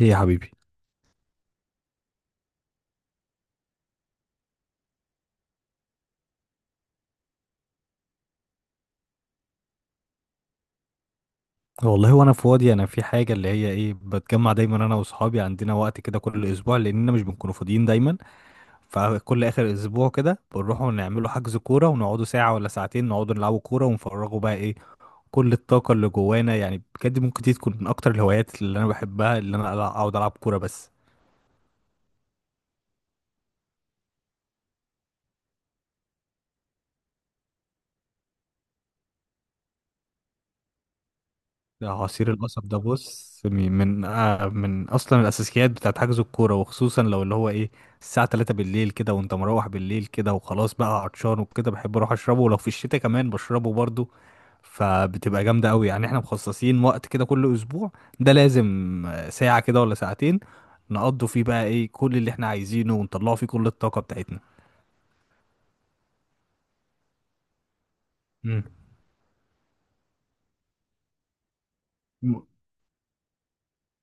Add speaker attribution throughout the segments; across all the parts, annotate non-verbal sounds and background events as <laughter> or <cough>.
Speaker 1: ايه يا حبيبي؟ والله وانا فاضي انا في حاجه اللي هي ايه، بتجمع دايما انا واصحابي، عندنا وقت كده كل اسبوع لاننا مش بنكونوا فاضيين دايما. فكل اخر اسبوع كده بنروحوا نعملوا حجز كوره ونقعدوا ساعه ولا ساعتين، نقعدوا نلعبوا كوره ونفرغوا بقى ايه كل الطاقه اللي جوانا. يعني بجد ممكن دي تكون من اكتر الهوايات اللي انا بحبها، اللي انا اقعد العب كوره بس. ده عصير القصب ده، بص، من اصلا الاساسيات بتاعت حجز الكوره، وخصوصا لو اللي هو ايه الساعه 3 بالليل كده، وانت مروح بالليل كده وخلاص بقى عطشان وكده بحب اروح اشربه، ولو في الشتاء كمان بشربه برضو. فبتبقى جامده قوي. يعني احنا مخصصين وقت كده كل اسبوع، ده لازم. ساعه كده ولا ساعتين نقضوا فيه بقى ايه كل اللي احنا عايزينه، ونطلعوا فيه كل الطاقه بتاعتنا. امم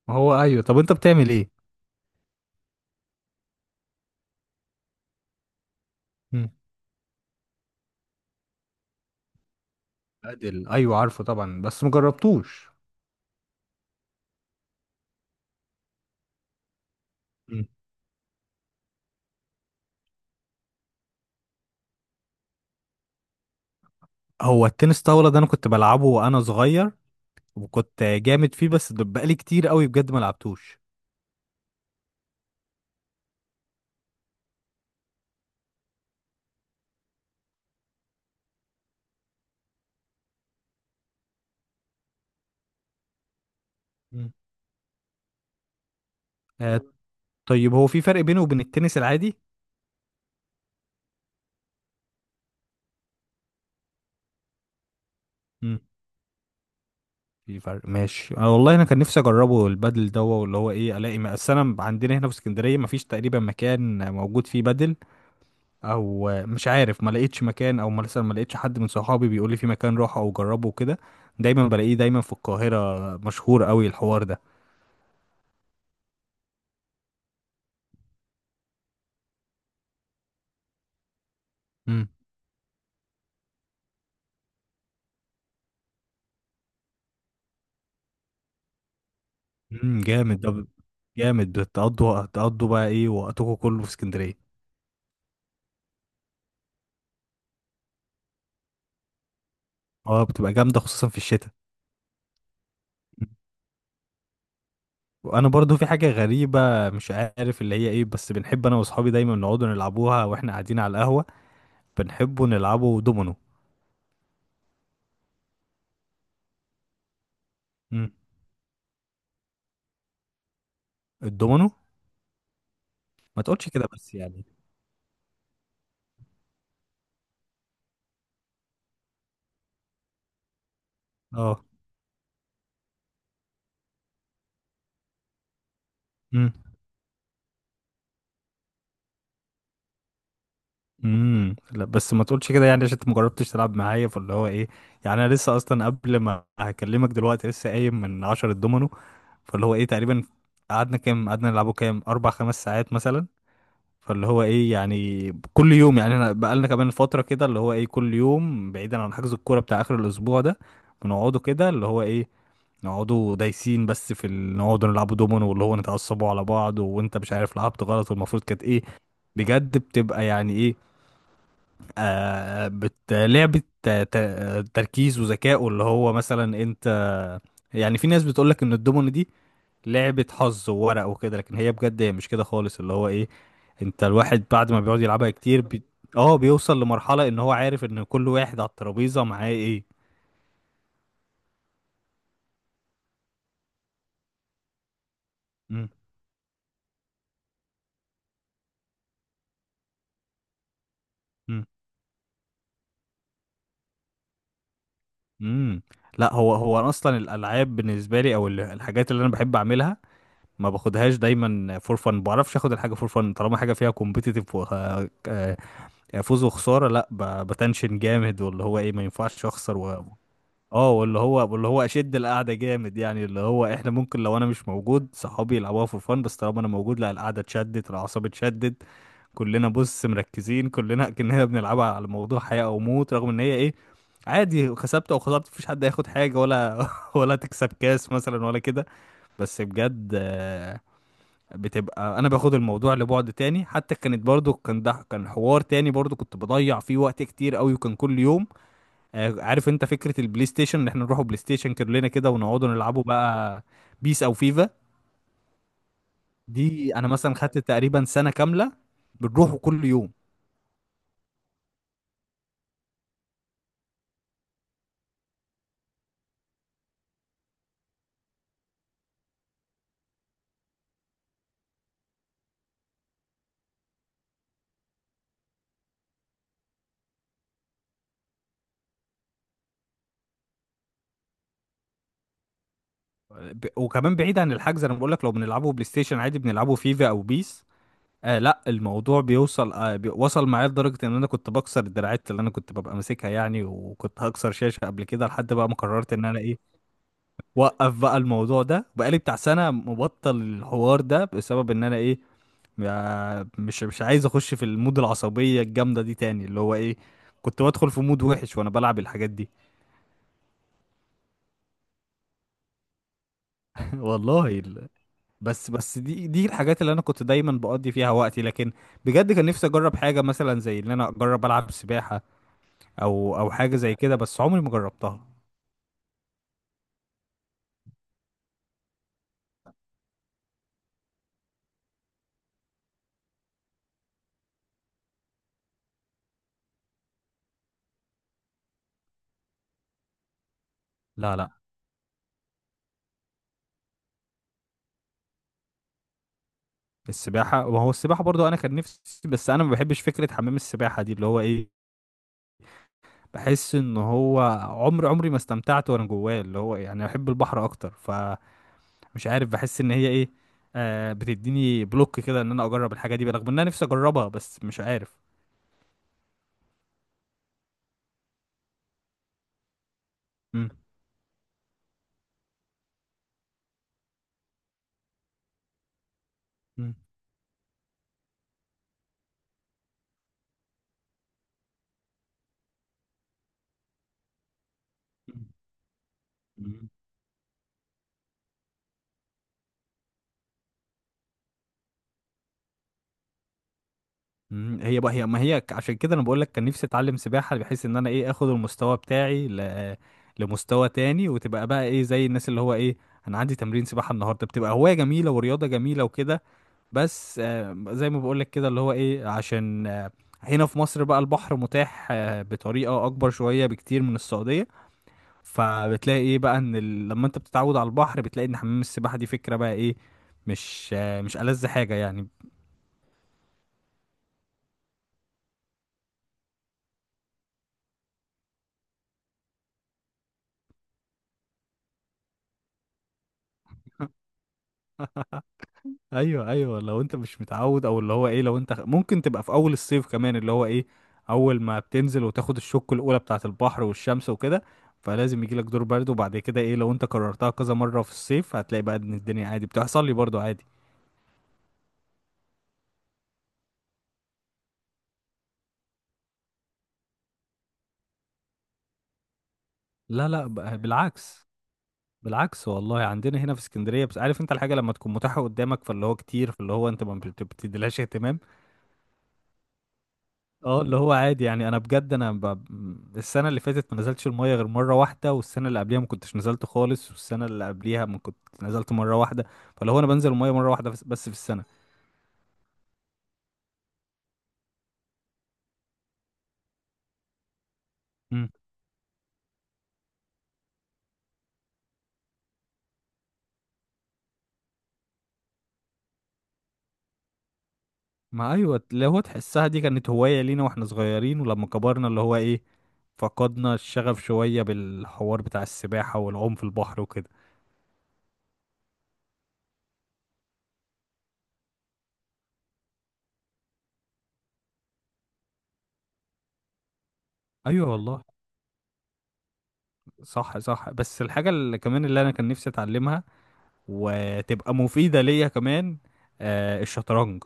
Speaker 1: هو ايوه، طب انت بتعمل ايه؟ امم ادل، ايوه عارفه طبعا بس مجربتوش. هو التنس طاولة ده انا كنت بلعبه وانا صغير، وكنت جامد فيه، بس ده بقالي كتير قوي بجد ما لعبتوش. مم. آه، طيب هو في فرق بينه وبين التنس العادي؟ امم في فرق، ماشي. أنا والله انا كان نفسي اجربه البادل ده، واللي هو ايه الاقي اصل انا عندنا هنا في اسكندرية ما فيش تقريبا مكان موجود فيه بادل. او مش عارف، ما لقيتش مكان، او مثلا ما لقيتش حد من صحابي بيقول لي في مكان روح او جربه وكده. دايما بلاقيه دايما في القاهرة مشهور قوي الحوار ده. جامد. جامد. بتقضوا بقى ايه وقتكم كله في اسكندريه. اه بتبقى جامده خصوصا في الشتاء. مم. وانا برضو في حاجه غريبه، مش عارف اللي هي ايه، بس بنحب انا واصحابي دايما نقعدوا نلعبوها واحنا قاعدين على القهوه، بنحبوا نلعبوا دومينو. امم الدومينو. ما تقولش كده بس يعني. اه. مم. لا بس ما تقولش كده، يعني عشان انت ما جربتش تلعب معايا. فاللي هو ايه، يعني انا لسه اصلا قبل ما هكلمك دلوقتي لسه قايم من عشرة دومينو. فاللي هو ايه تقريبا قعدنا كام، قعدنا نلعبه كام اربع خمس ساعات مثلا. فاللي هو ايه يعني كل يوم، يعني احنا بقالنا كمان فتره كده اللي هو ايه كل يوم، بعيدا عن حجز الكوره بتاع اخر الاسبوع ده بنقعدوا كده اللي هو ايه، نقعدوا دايسين بس في نقعدوا نلعبوا دومينو، واللي هو نتعصبوا على بعض، وانت مش عارف لعبت غلط والمفروض كانت ايه. بجد بتبقى يعني ايه، آه، بت لعبة تركيز وذكاء، واللي هو مثلا انت، يعني في ناس بتقولك ان الدومينو دي لعبة حظ وورق وكده، لكن هي بجد هي مش كده خالص. اللي هو ايه انت الواحد بعد ما بيقعد يلعبها كتير اه بيوصل لمرحلة ان هو عارف ان كل واحد على الترابيزة معاه ايه. مم. مم. مم. لا هو أنا اصلا الالعاب بالنسبة لي او الحاجات اللي انا بحب اعملها، ما باخدهاش دايما فور فن. ما بعرفش اخد الحاجة فور فن طالما حاجة فيها كومبيتيتيف، يعني فوز وخساره. لا بتنشن جامد، واللي هو ايه ما ينفعش اخسر اه واللي هو اشد القعده جامد، يعني اللي هو احنا ممكن لو انا مش موجود صحابي يلعبوها في فن، بس طالما انا موجود لا، القعده اتشدت، العصاب اتشدت، كلنا بص مركزين كلنا <laughs> كأننا بنلعبها على موضوع حياه او موت، رغم ان هي ايه عادي، كسبت او خسرت مفيش حد هياخد حاجه ولا <laughs> ولا تكسب كاس مثلا ولا كده. بس بجد بتبقى، انا باخد الموضوع لبعد تاني. حتى كانت برضو كان ده كان حوار تاني برضو كنت بضيع فيه وقت كتير قوي، وكان كل يوم. عارف انت فكرة البلاي ستيشن، ان احنا نروحوا بلاي ستيشن كلنا كده ونقعدوا نلعبوا بقى بيس او فيفا؟ دي انا مثلا خدت تقريبا سنة كاملة بنروحوا كل يوم. وكمان بعيد عن الحجز، انا بقول لك لو بنلعبه بلاي ستيشن عادي بنلعبه فيفا او بيس، آه لا الموضوع بيوصل، آه وصل معايا لدرجة ان انا كنت بكسر الدراعات اللي انا كنت ببقى ماسكها يعني، وكنت هكسر شاشة قبل كده، لحد بقى ما قررت ان انا ايه وقف بقى الموضوع ده. بقالي بتاع سنة مبطل الحوار ده بسبب ان انا ايه مش عايز اخش في المود العصبية الجامدة دي تاني، اللي هو ايه كنت بدخل في مود وحش وانا بلعب الحاجات دي. <laughs> والله بس بس دي الحاجات اللي انا كنت دايما بقضي فيها وقتي، لكن بجد كان نفسي اجرب حاجة مثلا زي ان انا اجرب العب سباحة، او او حاجة زي كده بس عمري ما جربتها. لا لا. السباحة، وهو السباحة برضو انا كان نفسي. بس انا ما بحبش فكرة حمام السباحة دي، اللي هو ايه بحس ان هو عمري ما استمتعت وانا جواه، اللي هو يعني بحب البحر اكتر، فمش عارف، بحس ان هي ايه، آه بتديني بلوك كده ان انا اجرب الحاجه دي رغم ان انا نفسي اجربها، بس مش عارف. مم. مم. مم. هي بقى هي ما هي عشان كده انا بقول لك كان نفسي اتعلم سباحه، بحيث ان انا ايه اخد المستوى بتاعي لمستوى تاني، وتبقى بقى ايه زي الناس اللي هو ايه انا عندي تمرين سباحه النهارده، بتبقى هوايه جميله ورياضه جميله وكده. بس زي ما بقولك كده اللي هو ايه عشان هنا في مصر بقى البحر متاح بطريقة اكبر شوية بكتير من السعودية. فبتلاقي ايه بقى ان لما انت بتتعود على البحر بتلاقي ان حمام السباحة دي فكرة بقى ايه، مش مش ألذ حاجة يعني. ايوه ايوه، لو انت مش متعود، او اللي هو ايه لو انت ممكن تبقى في اول الصيف كمان، اللي هو ايه اول ما بتنزل وتاخد الشوك الاولى بتاعة البحر والشمس وكده، فلازم يجيلك دور برد، وبعد كده ايه لو انت كررتها كذا مرة في الصيف هتلاقي بقى ان الدنيا عادي، بتحصل لي برضو عادي. لا لا بالعكس، بالعكس والله، عندنا هنا في اسكندريه، بس عارف انت الحاجه لما تكون متاحه قدامك فاللي هو كتير، فاللي هو انت ما بت- بتديلهاش اهتمام. اه اللي هو عادي يعني، انا بجد انا السنه اللي فاتت ما نزلتش الميه غير مره واحده، والسنه اللي قبليها ما كنتش نزلت خالص، والسنه اللي قبليها ما كنت نزلت مره واحده. فاللي هو انا بنزل الميه مره واحده بس، بس في السنه. امم ما ايوه، اللي هو تحسها دي كانت هوايه لينا واحنا صغيرين، ولما كبرنا اللي هو ايه فقدنا الشغف شويه بالحوار بتاع السباحه والعوم في البحر وكده. ايوه والله، صح صح. بس الحاجة اللي كمان اللي انا كان نفسي اتعلمها وتبقى مفيدة ليا كمان، آه الشطرنج.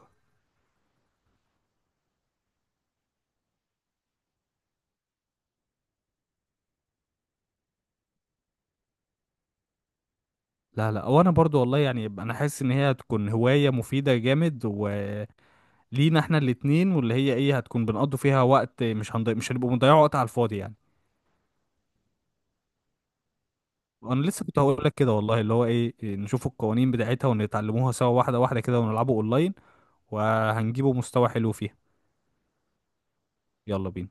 Speaker 1: لا لا، وانا برضو والله، يعني انا حاسس ان هي هتكون هواية مفيدة جامد، ولينا احنا الاتنين، واللي هي ايه هتكون بنقضوا فيها وقت، مش هنضيع، مش هنبقوا بنضيعوا وقت على الفاضي يعني. وانا لسه كنت هقول لك كده والله، اللي هو ايه نشوف القوانين بتاعتها ونتعلموها سوا واحدة واحدة كده ونلعبوا اونلاين، وهنجيبوا مستوى حلو فيها. يلا بينا.